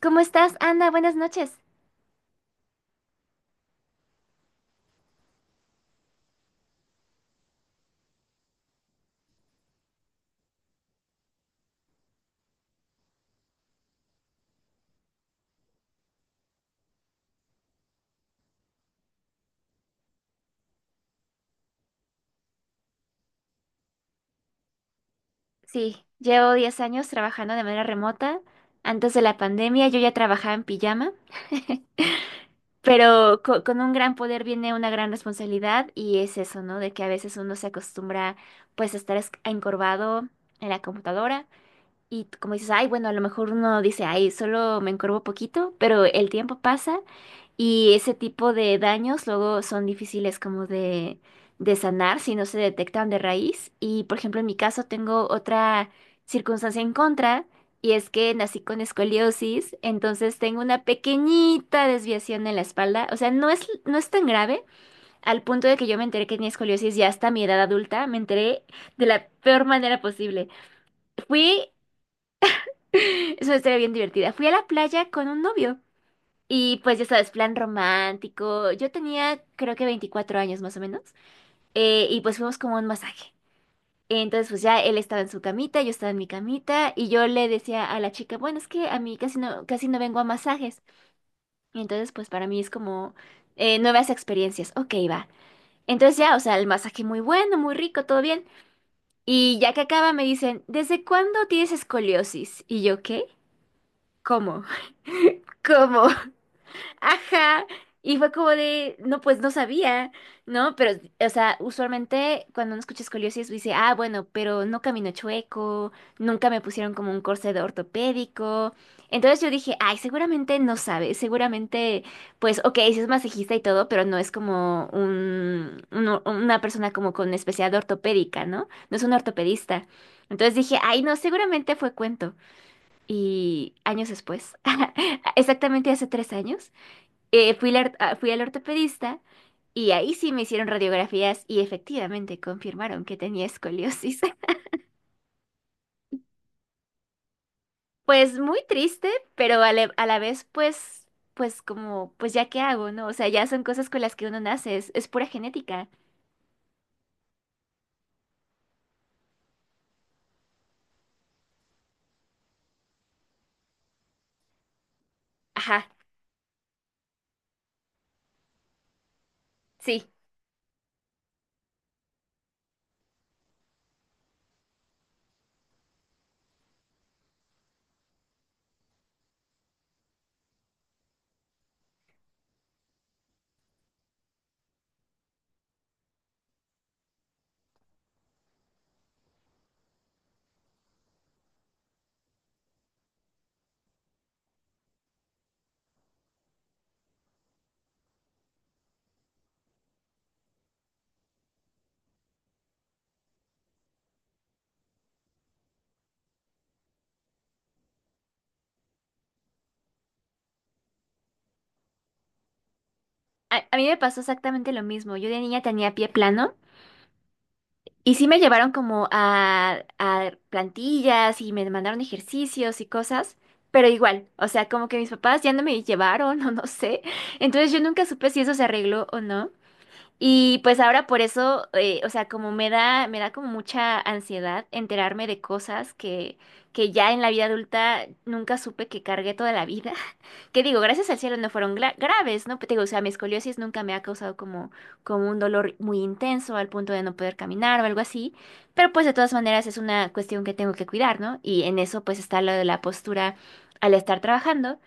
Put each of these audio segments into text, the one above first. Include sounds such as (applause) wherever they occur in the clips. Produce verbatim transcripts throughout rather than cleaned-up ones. ¿Cómo estás, Ana? Buenas noches. Sí, llevo diez años trabajando de manera remota. Antes de la pandemia yo ya trabajaba en pijama, (laughs) pero co- con un gran poder viene una gran responsabilidad y es eso, ¿no? De que a veces uno se acostumbra pues a estar es- encorvado en la computadora y t- como dices, ay, bueno, a lo mejor uno dice, ay, solo me encorvo poquito, pero el tiempo pasa. Y ese tipo de daños luego son difíciles como de, de sanar si no se detectan de raíz. Y por ejemplo, en mi caso tengo otra circunstancia en contra y es que nací con escoliosis, entonces tengo una pequeñita desviación en la espalda. O sea, no es, no es tan grave al punto de que yo me enteré que tenía escoliosis ya hasta mi edad adulta. Me enteré de la peor manera posible. Fui, (laughs) es una historia bien divertida. Fui a la playa con un novio. Y pues ya sabes, plan romántico. Yo tenía creo que veinticuatro años más o menos. Eh, y pues fuimos como a un masaje. Entonces pues ya él estaba en su camita, yo estaba en mi camita y yo le decía a la chica, bueno, es que a mí casi no, casi no vengo a masajes. Y entonces pues para mí es como eh, nuevas experiencias. Ok, va. Entonces ya, o sea, el masaje muy bueno, muy rico, todo bien. Y ya que acaba me dicen, ¿desde cuándo tienes escoliosis? Y yo, ¿qué? ¿Cómo? (laughs) ¿Cómo? Ajá. Y fue como de, no, pues no sabía, ¿no? Pero, o sea, usualmente cuando uno escucha escoliosis dice, ah, bueno, pero no camino chueco, nunca me pusieron como un corset ortopédico. Entonces yo dije, ay, seguramente no sabe, seguramente, pues, ok, sí es masajista y todo, pero no es como un, un- una persona como con especialidad ortopédica, ¿no? No es un ortopedista. Entonces dije, ay, no, seguramente fue cuento. Y años después, (laughs) exactamente hace tres años. Eh, fui, al or- a- fui al ortopedista y ahí sí me hicieron radiografías y efectivamente confirmaron que tenía escoliosis. (laughs) Pues muy triste, pero a la, a la vez pues, pues como, pues ya qué hago, ¿no? O sea, ya son cosas con las que uno nace, es, es pura genética. Ajá, sí. A, a mí me pasó exactamente lo mismo. Yo de niña tenía pie plano. Y sí me llevaron como a, a plantillas y me mandaron ejercicios y cosas, pero igual, o sea, como que mis papás ya no me llevaron (laughs) o no sé. Entonces yo nunca supe si eso se arregló o no. Y pues ahora por eso, eh, o sea, como me da, me da como mucha ansiedad enterarme de cosas que, que ya en la vida adulta nunca supe que cargué toda la vida. (laughs) Que digo, gracias al cielo no fueron gra- graves, ¿no? Pero te digo, o sea, mi escoliosis nunca me ha causado como, como un dolor muy intenso al punto de no poder caminar o algo así. Pero pues de todas maneras es una cuestión que tengo que cuidar, ¿no? Y en eso pues está lo de la postura al estar trabajando.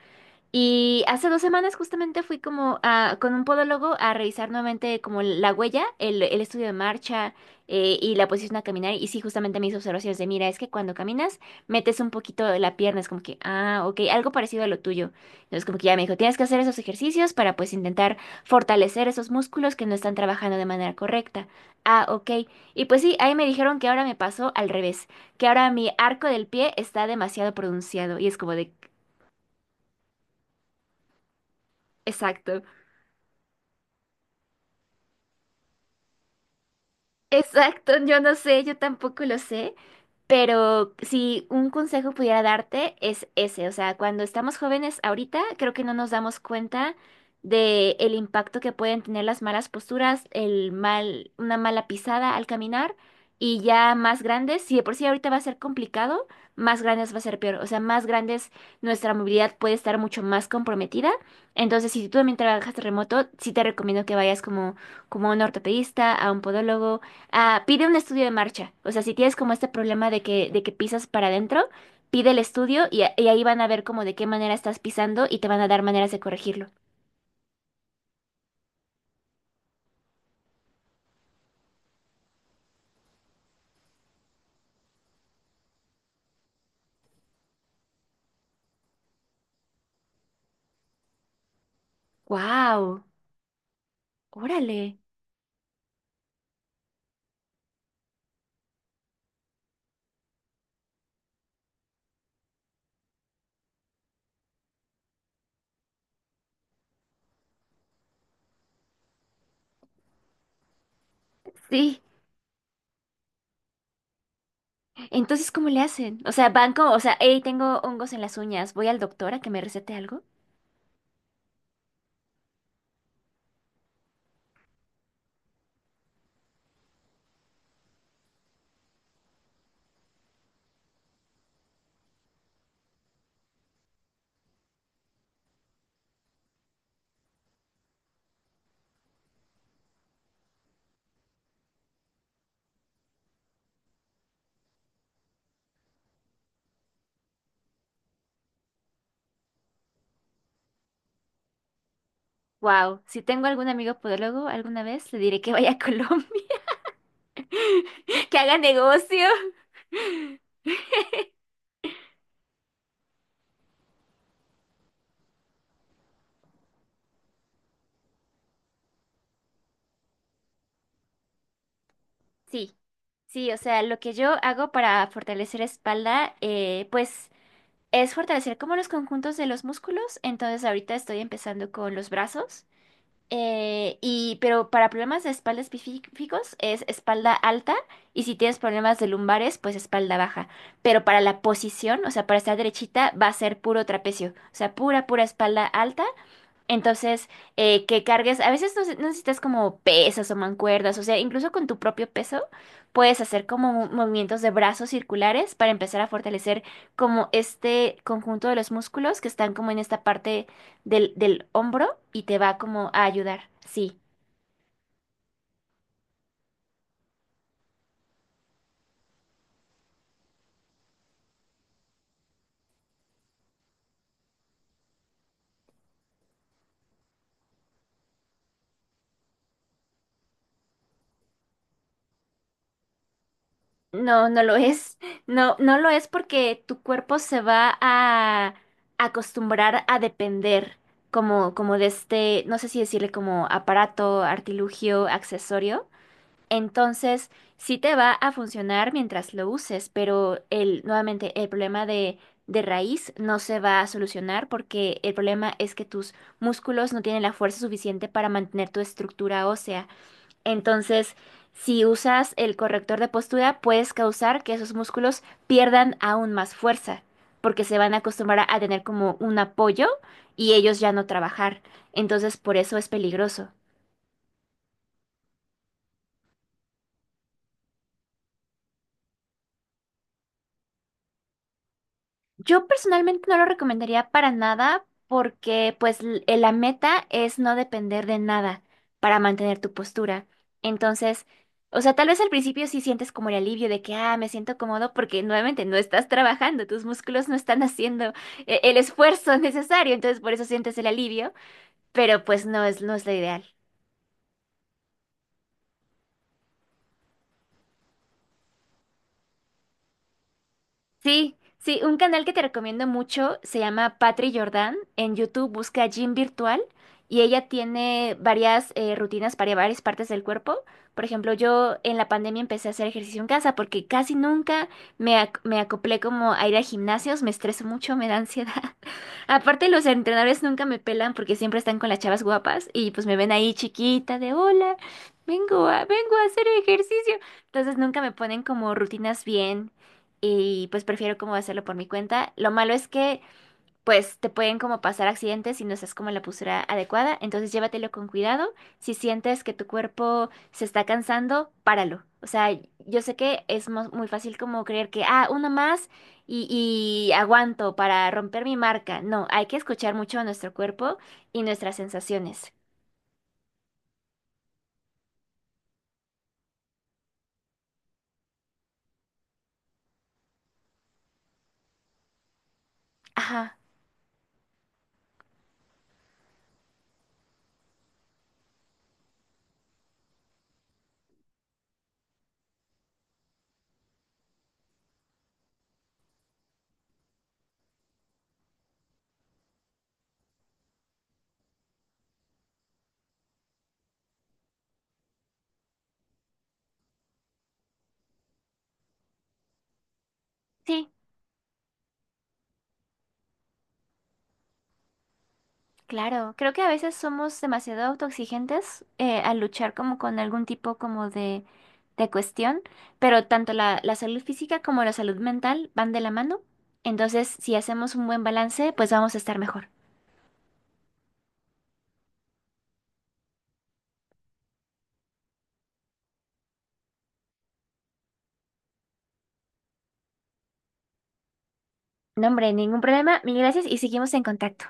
Y hace dos semanas justamente fui como a- con un podólogo a revisar nuevamente como la huella, el, el estudio de marcha eh, y la posición a caminar. Y sí, justamente mis observaciones de, mira, es que cuando caminas metes un poquito la pierna, es como que, ah, ok, algo parecido a lo tuyo. Entonces como que ya me dijo, tienes que hacer esos ejercicios para pues intentar fortalecer esos músculos que no están trabajando de manera correcta. Ah, ok. Y pues sí, ahí me dijeron que ahora me pasó al revés, que ahora mi arco del pie está demasiado pronunciado y es como de, exacto. Exacto, yo no sé, yo tampoco lo sé, pero si un consejo pudiera darte es ese, o sea, cuando estamos jóvenes ahorita, creo que no nos damos cuenta de el impacto que pueden tener las malas posturas, el mal, una mala pisada al caminar y ya más grandes, si de por sí ahorita va a ser complicado, más grandes va a ser peor, o sea, más grandes nuestra movilidad puede estar mucho más comprometida. Entonces, si tú también trabajas remoto, sí te recomiendo que vayas como como a un ortopedista, a un podólogo. Ah, pide un estudio de marcha. O sea, si tienes como este problema de que, de que pisas para adentro, pide el estudio y, a- y ahí van a ver como de qué manera estás pisando y te van a dar maneras de corregirlo. ¡Wow! ¡Órale! Sí. Entonces, ¿cómo le hacen? O sea, van como, o sea, hey, tengo hongos en las uñas, voy al doctor a que me recete algo. Wow, si tengo algún amigo podólogo alguna vez, le diré que vaya a Colombia, (laughs) que haga negocio. Sí, sí, o sea, lo que yo hago para fortalecer espalda, eh, pues es fortalecer como los conjuntos de los músculos. Entonces ahorita estoy empezando con los brazos. eh, y, pero para problemas de espalda específicos es espalda alta y si tienes problemas de lumbares, pues espalda baja. Pero para la posición, o sea, para estar derechita, va a ser puro trapecio. O sea, pura, pura espalda alta entonces, eh, que cargues, a veces no, se- no necesitas como pesas o mancuerdas, o sea, incluso con tu propio peso puedes hacer como mo- movimientos de brazos circulares para empezar a fortalecer como este conjunto de los músculos que están como en esta parte del, del hombro y te va como a ayudar. Sí, no, no lo es, (laughs) no, no lo es porque tu cuerpo se va a acostumbrar a depender como, como de este, no sé si decirle como aparato, artilugio, accesorio. Entonces, sí te va a funcionar mientras lo uses, pero el, nuevamente, el problema de, de raíz no se va a solucionar porque el problema es que tus músculos no tienen la fuerza suficiente para mantener tu estructura ósea. Entonces, si usas el corrector de postura, puedes causar que esos músculos pierdan aún más fuerza, porque se van a acostumbrar a a tener como un apoyo y ellos ya no trabajar. Entonces, por eso es peligroso. Yo personalmente no lo recomendaría para nada porque pues l- eh, la meta es no depender de nada para mantener tu postura. Entonces, o sea, tal vez al principio sí sientes como el alivio de que, ah, me siento cómodo porque nuevamente no estás trabajando, tus músculos no están haciendo eh, el esfuerzo (laughs) necesario, entonces por eso sientes el alivio, pero pues no es, no es lo ideal. Sí, sí, un canal que te recomiendo mucho se llama Patri Jordan. En YouTube busca Gym Virtual y ella tiene varias eh, rutinas para varias partes del cuerpo. Por ejemplo, yo en la pandemia empecé a hacer ejercicio en casa porque casi nunca me, ac- me acoplé como a ir a gimnasios, me estreso mucho, me da (laughs) ansiedad. Aparte, los entrenadores nunca me pelan porque siempre están con las chavas guapas y pues me ven ahí chiquita de hola, vengo a, vengo a hacer ejercicio. Entonces nunca me ponen como rutinas bien y pues prefiero como hacerlo por mi cuenta. Lo malo es que pues te pueden como pasar accidentes si no estás como en la postura adecuada. Entonces llévatelo con cuidado. Si sientes que tu cuerpo se está cansando, páralo. O sea, yo sé que es mo- muy fácil como creer que, ah, una más y, y aguanto para romper mi marca. No, hay que escuchar mucho a nuestro cuerpo y nuestras sensaciones. Ajá, sí. Claro, creo que a veces somos demasiado autoexigentes eh, al luchar como con algún tipo como de, de cuestión, pero tanto la, la salud física como la salud mental van de la mano, entonces si hacemos un buen balance, pues vamos a estar mejor. No, hombre, ningún problema, mil gracias y seguimos en contacto.